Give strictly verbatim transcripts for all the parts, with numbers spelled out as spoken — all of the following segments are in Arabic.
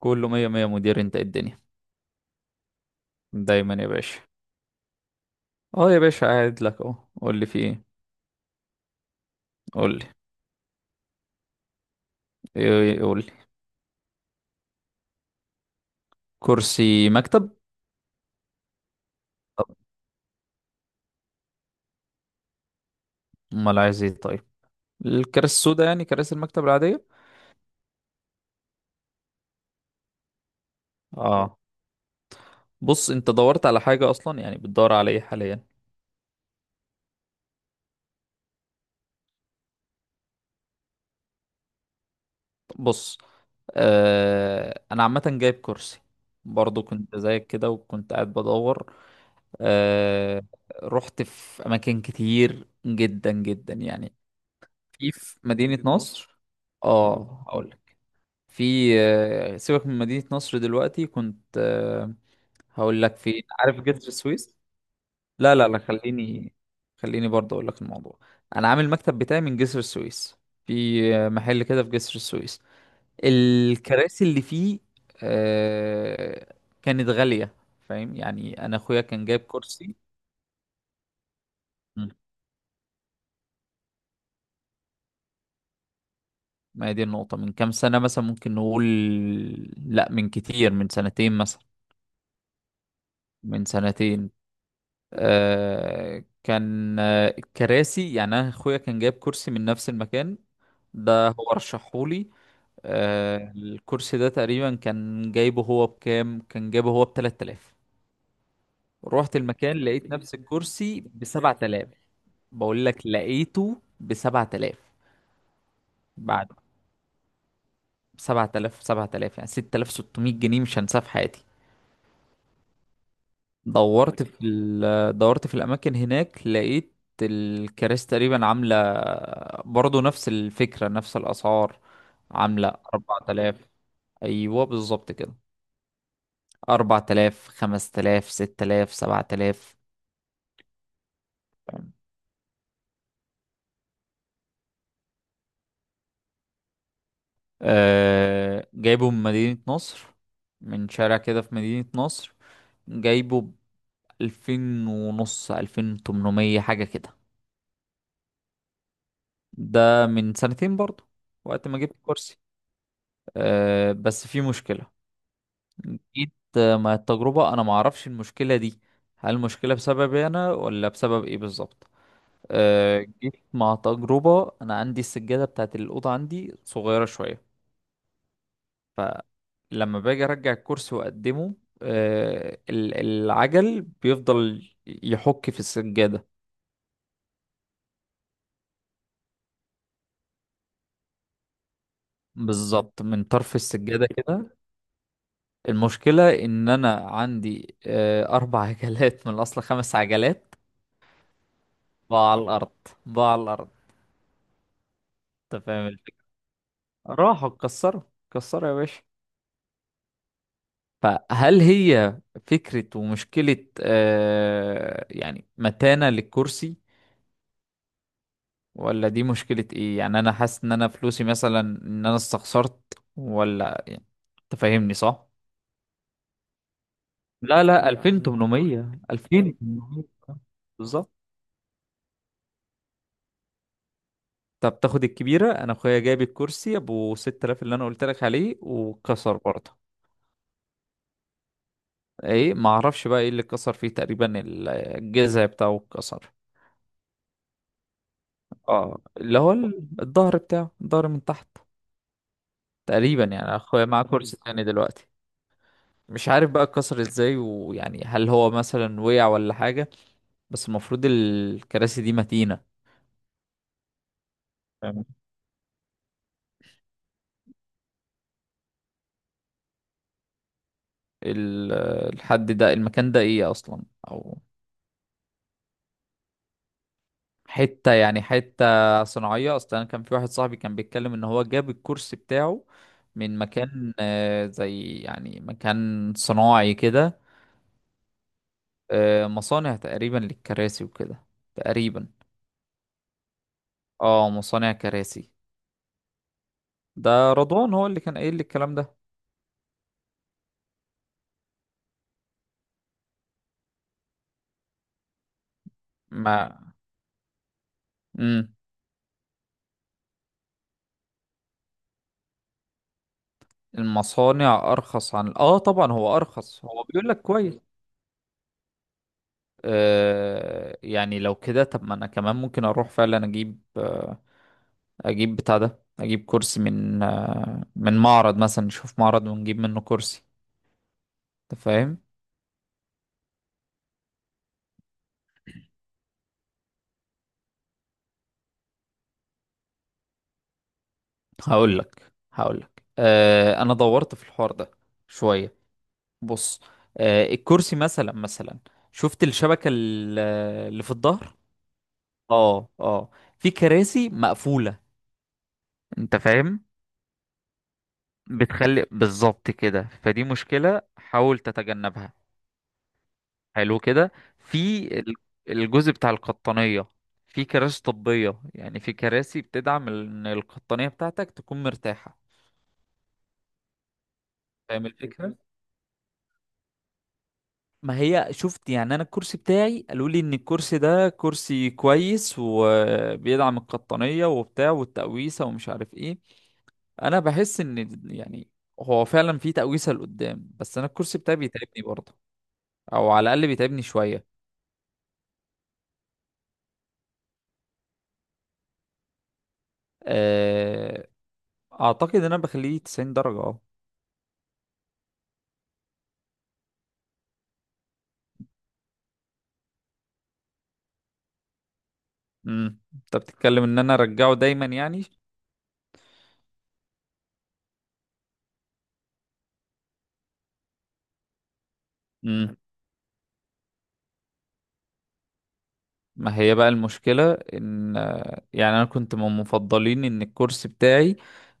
كله مية مية، مدير. انت ايه الدنيا؟ دايما يا باشا. اه، يا باشا، قاعد لك اهو. قول لي، في ايه؟ قول لي. ايه ايه، قول لي. كرسي مكتب. طب، امال عايز ايه؟ طيب. الكراسي السوداء، يعني كراسي المكتب العادية. اه. بص، انت دورت على حاجة اصلا؟ يعني بتدور على ايه حاليا؟ طب بص. آه انا عامة جايب كرسي، برضو كنت زيك كده وكنت قاعد بدور. آه رحت في اماكن كتير جدا جدا، يعني. في في مدينة نصر. اه، هقول لك. في آه، سيبك من مدينة نصر دلوقتي. كنت آه، هقول لك. في، عارف جسر السويس؟ لا لا لا، خليني. خليني برضه اقول لك الموضوع. انا عامل المكتب بتاعي من جسر السويس. في آه، محل كده في جسر السويس. الكراسي اللي فيه آه، كانت غالية. فاهم؟ يعني انا اخويا كان جايب كرسي. مم. ما هي دي النقطة، من كام سنة مثلا ممكن نقول؟ لا، من كتير، من سنتين مثلا. من سنتين. آه كان آه، الكراسي، يعني انا اخويا كان جايب كرسي من نفس المكان. ده هو رشحهولي. آه الكرسي ده تقريبا كان جايبه هو بكام. كان جايبه هو ب تلات آلاف. رحت المكان لقيت نفس الكرسي ب سبع آلاف. بقول لك لقيته ب سبعة آلاف. بعد سبع آلاف سبع آلاف، يعني ستة آلاف وستميه جنيه، مش هنساه في حياتي. دورت في ال... دورت في الاماكن هناك، لقيت الكراسي تقريبا عامله برضو نفس الفكره نفس الاسعار. عامله اربع آلاف، ايوه بالظبط كده، اربعة آلاف، خمس آلاف، ست آلاف، سبعة آلاف. آه... جايبه من مدينه نصر، من شارع كده في مدينه نصر. جايبه ب ألفين ونص، ألفين وتمنميه حاجه كده. ده من سنتين برضو، وقت ما جبت كرسي. آه... بس في مشكله. جيت آه، مع التجربة، انا ما اعرفش المشكلة دي. هل المشكلة بسببي انا ولا بسبب ايه بالظبط؟ أه جيت مع تجربة، انا عندي السجادة بتاعت الأوضة عندي صغيرة شوية. فلما باجي ارجع الكرسي واقدمه، أه ال- العجل بيفضل يحك في السجادة. بالظبط، من طرف السجادة كده. المشكلة ان انا عندي أه اربع عجلات من الاصل خمس عجلات. بقى على الارض. بقى على الارض. انت فاهم؟ راحوا اتكسروا. اتكسروا يا باشا. فهل هي فكرة ومشكلة، آه يعني متانة للكرسي؟ ولا دي مشكلة ايه؟ يعني انا حاسس ان انا فلوسي مثلا، ان انا استخسرت، ولا، يعني، تفهمني صح؟ لا لا، يعني ألفين وتمنميه ألفين وتمنميه، بالظبط. طب تاخد الكبيرة؟ انا اخويا جايب الكرسي ابو ست آلاف اللي انا قلت لك عليه، وكسر برضه. ايه، ما اعرفش بقى ايه اللي كسر فيه تقريبا. الجذع بتاعه اتكسر. اه، اللي هو ال- الظهر بتاعه، الظهر من تحت. تقريبا، يعني اخويا معاه كرسي تاني دلوقتي. مش عارف بقى اتكسر ازاي، ويعني هل هو مثلا وقع ولا حاجة. بس المفروض الكراسي دي متينة. فاهم؟ ال- الحد ده، المكان ده ايه اصلا، او حتة يعني حتة صناعية؟ اصلا انا كان في واحد صاحبي كان بيتكلم ان هو جاب الكرسي بتاعه من مكان، آه، زي يعني مكان صناعي كده. آه، مصانع تقريبا للكراسي وكده، تقريبا. اه، مصانع كراسي. ده رضوان هو اللي كان قايل لي الكلام ده. ما، امم المصانع ارخص، عن اه طبعا هو ارخص، هو بيقول لك كويس. آه يعني لو كده، طب ما انا كمان ممكن اروح فعلا اجيب. آه اجيب بتاع ده اجيب كرسي من آه من معرض مثلا، نشوف معرض ونجيب منه كرسي. انت فاهم؟ هقول لك هقول لك آه انا دورت في الحوار ده شوية. بص، آه الكرسي مثلا مثلا شفت الشبكة، ال- اللي في الظهر. اه، اه. في كراسي مقفولة، انت فاهم؟ بتخلي بالظبط كده، فدي مشكلة حاول تتجنبها. حلو كده. في ال- الجزء بتاع القطنية، في كراسي طبية، يعني في كراسي بتدعم ان القطنية بتاعتك تكون مرتاحة. فاهم الفكرة؟ ما هي شفت، يعني انا الكرسي بتاعي قالوا لي ان الكرسي ده كرسي كويس وبيدعم القطنية وبتاع والتقويسة ومش عارف ايه. انا بحس ان، يعني، هو فعلا في تقويسه لقدام، بس انا الكرسي بتاعي بيتعبني برضه، او على الاقل بيتعبني شويه. أه، اعتقد ان انا بخليه تسعين درجه، اه. امم انت بتتكلم ان انا ارجعه دايما، يعني. امم. ما هي بقى المشكله ان، آه، يعني انا كنت من مفضلين ان الكرسي بتاعي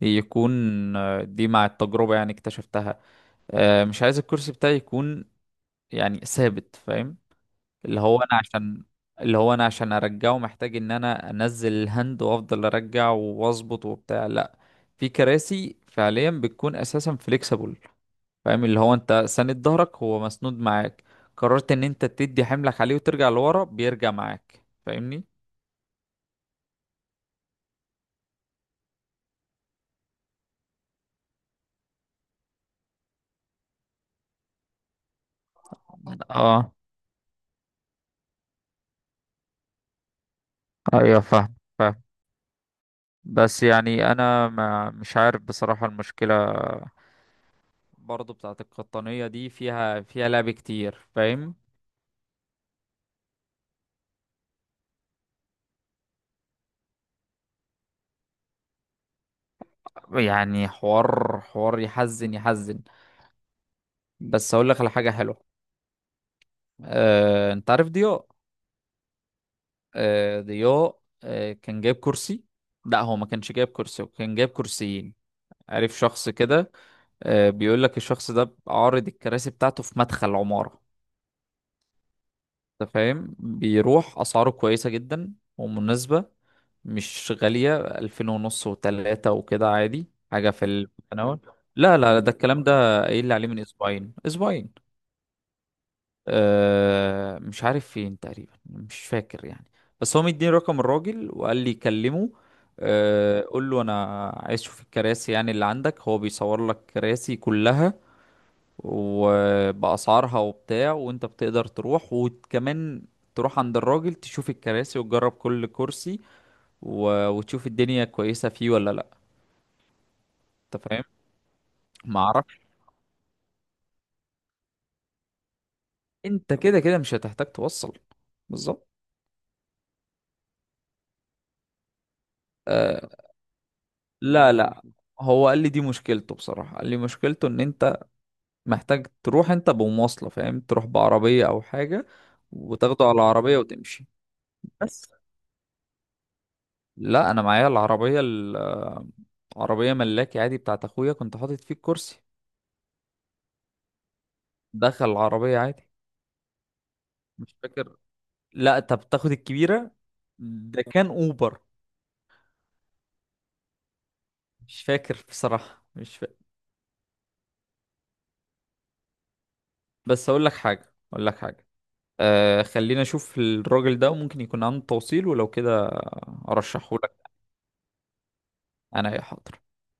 يكون، آه، دي مع التجربه يعني اكتشفتها. أه، مش عايز الكرسي بتاعي يكون يعني ثابت، فاهم؟ اللي هو انا عشان اللي هو انا عشان ارجعه محتاج ان انا انزل الهند وافضل ارجع واظبط وبتاع، لا. في كراسي فعليا بتكون اساسا فليكسبل، فاهم؟ اللي هو انت ساند ظهرك، هو مسنود معاك. قررت ان انت تدي حملك عليه وترجع لورا، بيرجع معاك، فاهمني؟ اه، ايوه فاهم فاهم. بس يعني انا ما مش عارف بصراحة المشكلة برضه بتاعت القطنية دي، فيها فيها لعب كتير، فاهم؟ يعني، حوار حوار يحزن يحزن. بس هقول لك على حاجة حلوة. آه، انت عارف ضياء؟ آه، ضياء آه، كان جايب كرسي. لا، هو ما كانش جايب كرسي، هو كان جايب كرسيين. عارف شخص كده. آه، بيقول لك الشخص ده عارض الكراسي بتاعته في مدخل عمارة. انت فاهم؟ بيروح اسعاره كويسة جدا ومناسبة. مش غالية، ألفين ونص وتلاتة وكده، عادي، حاجة في التناول. لا لا لا، ده الكلام ده قايل لي عليه من أسبوعين أسبوعين. آه مش عارف فين تقريبا، مش فاكر يعني. بس هو مديني رقم الراجل وقال لي كلمه. آه قول له انا عايز اشوف الكراسي يعني اللي عندك. هو بيصور لك كراسي كلها وبأسعارها وبتاع، وانت بتقدر تروح، وكمان تروح عند الراجل تشوف الكراسي وتجرب كل كرسي، و... وتشوف الدنيا كويسة فيه ولا لا. انت فاهم؟ ما اعرفش. انت كده كده مش هتحتاج توصل. بالظبط. آه، لا لا. هو قال لي دي مشكلته، بصراحة قال لي مشكلته ان انت محتاج تروح انت بمواصلة، فاهم؟ تروح بعربية او حاجة وتاخده على العربية وتمشي. بس لا، انا معايا العربية ال- آه، عربية ملاكي عادي بتاعت اخويا، كنت حاطط فيه الكرسي. دخل العربية عادي. مش فاكر. لا، انت بتاخد الكبيرة. ده كان اوبر. مش فاكر بصراحة، مش فاكر. بس اقول لك حاجة اقول لك حاجة آه خلينا اشوف الراجل ده وممكن يكون عنده توصيل ولو كده. ارشحه. انا، يا حاضر.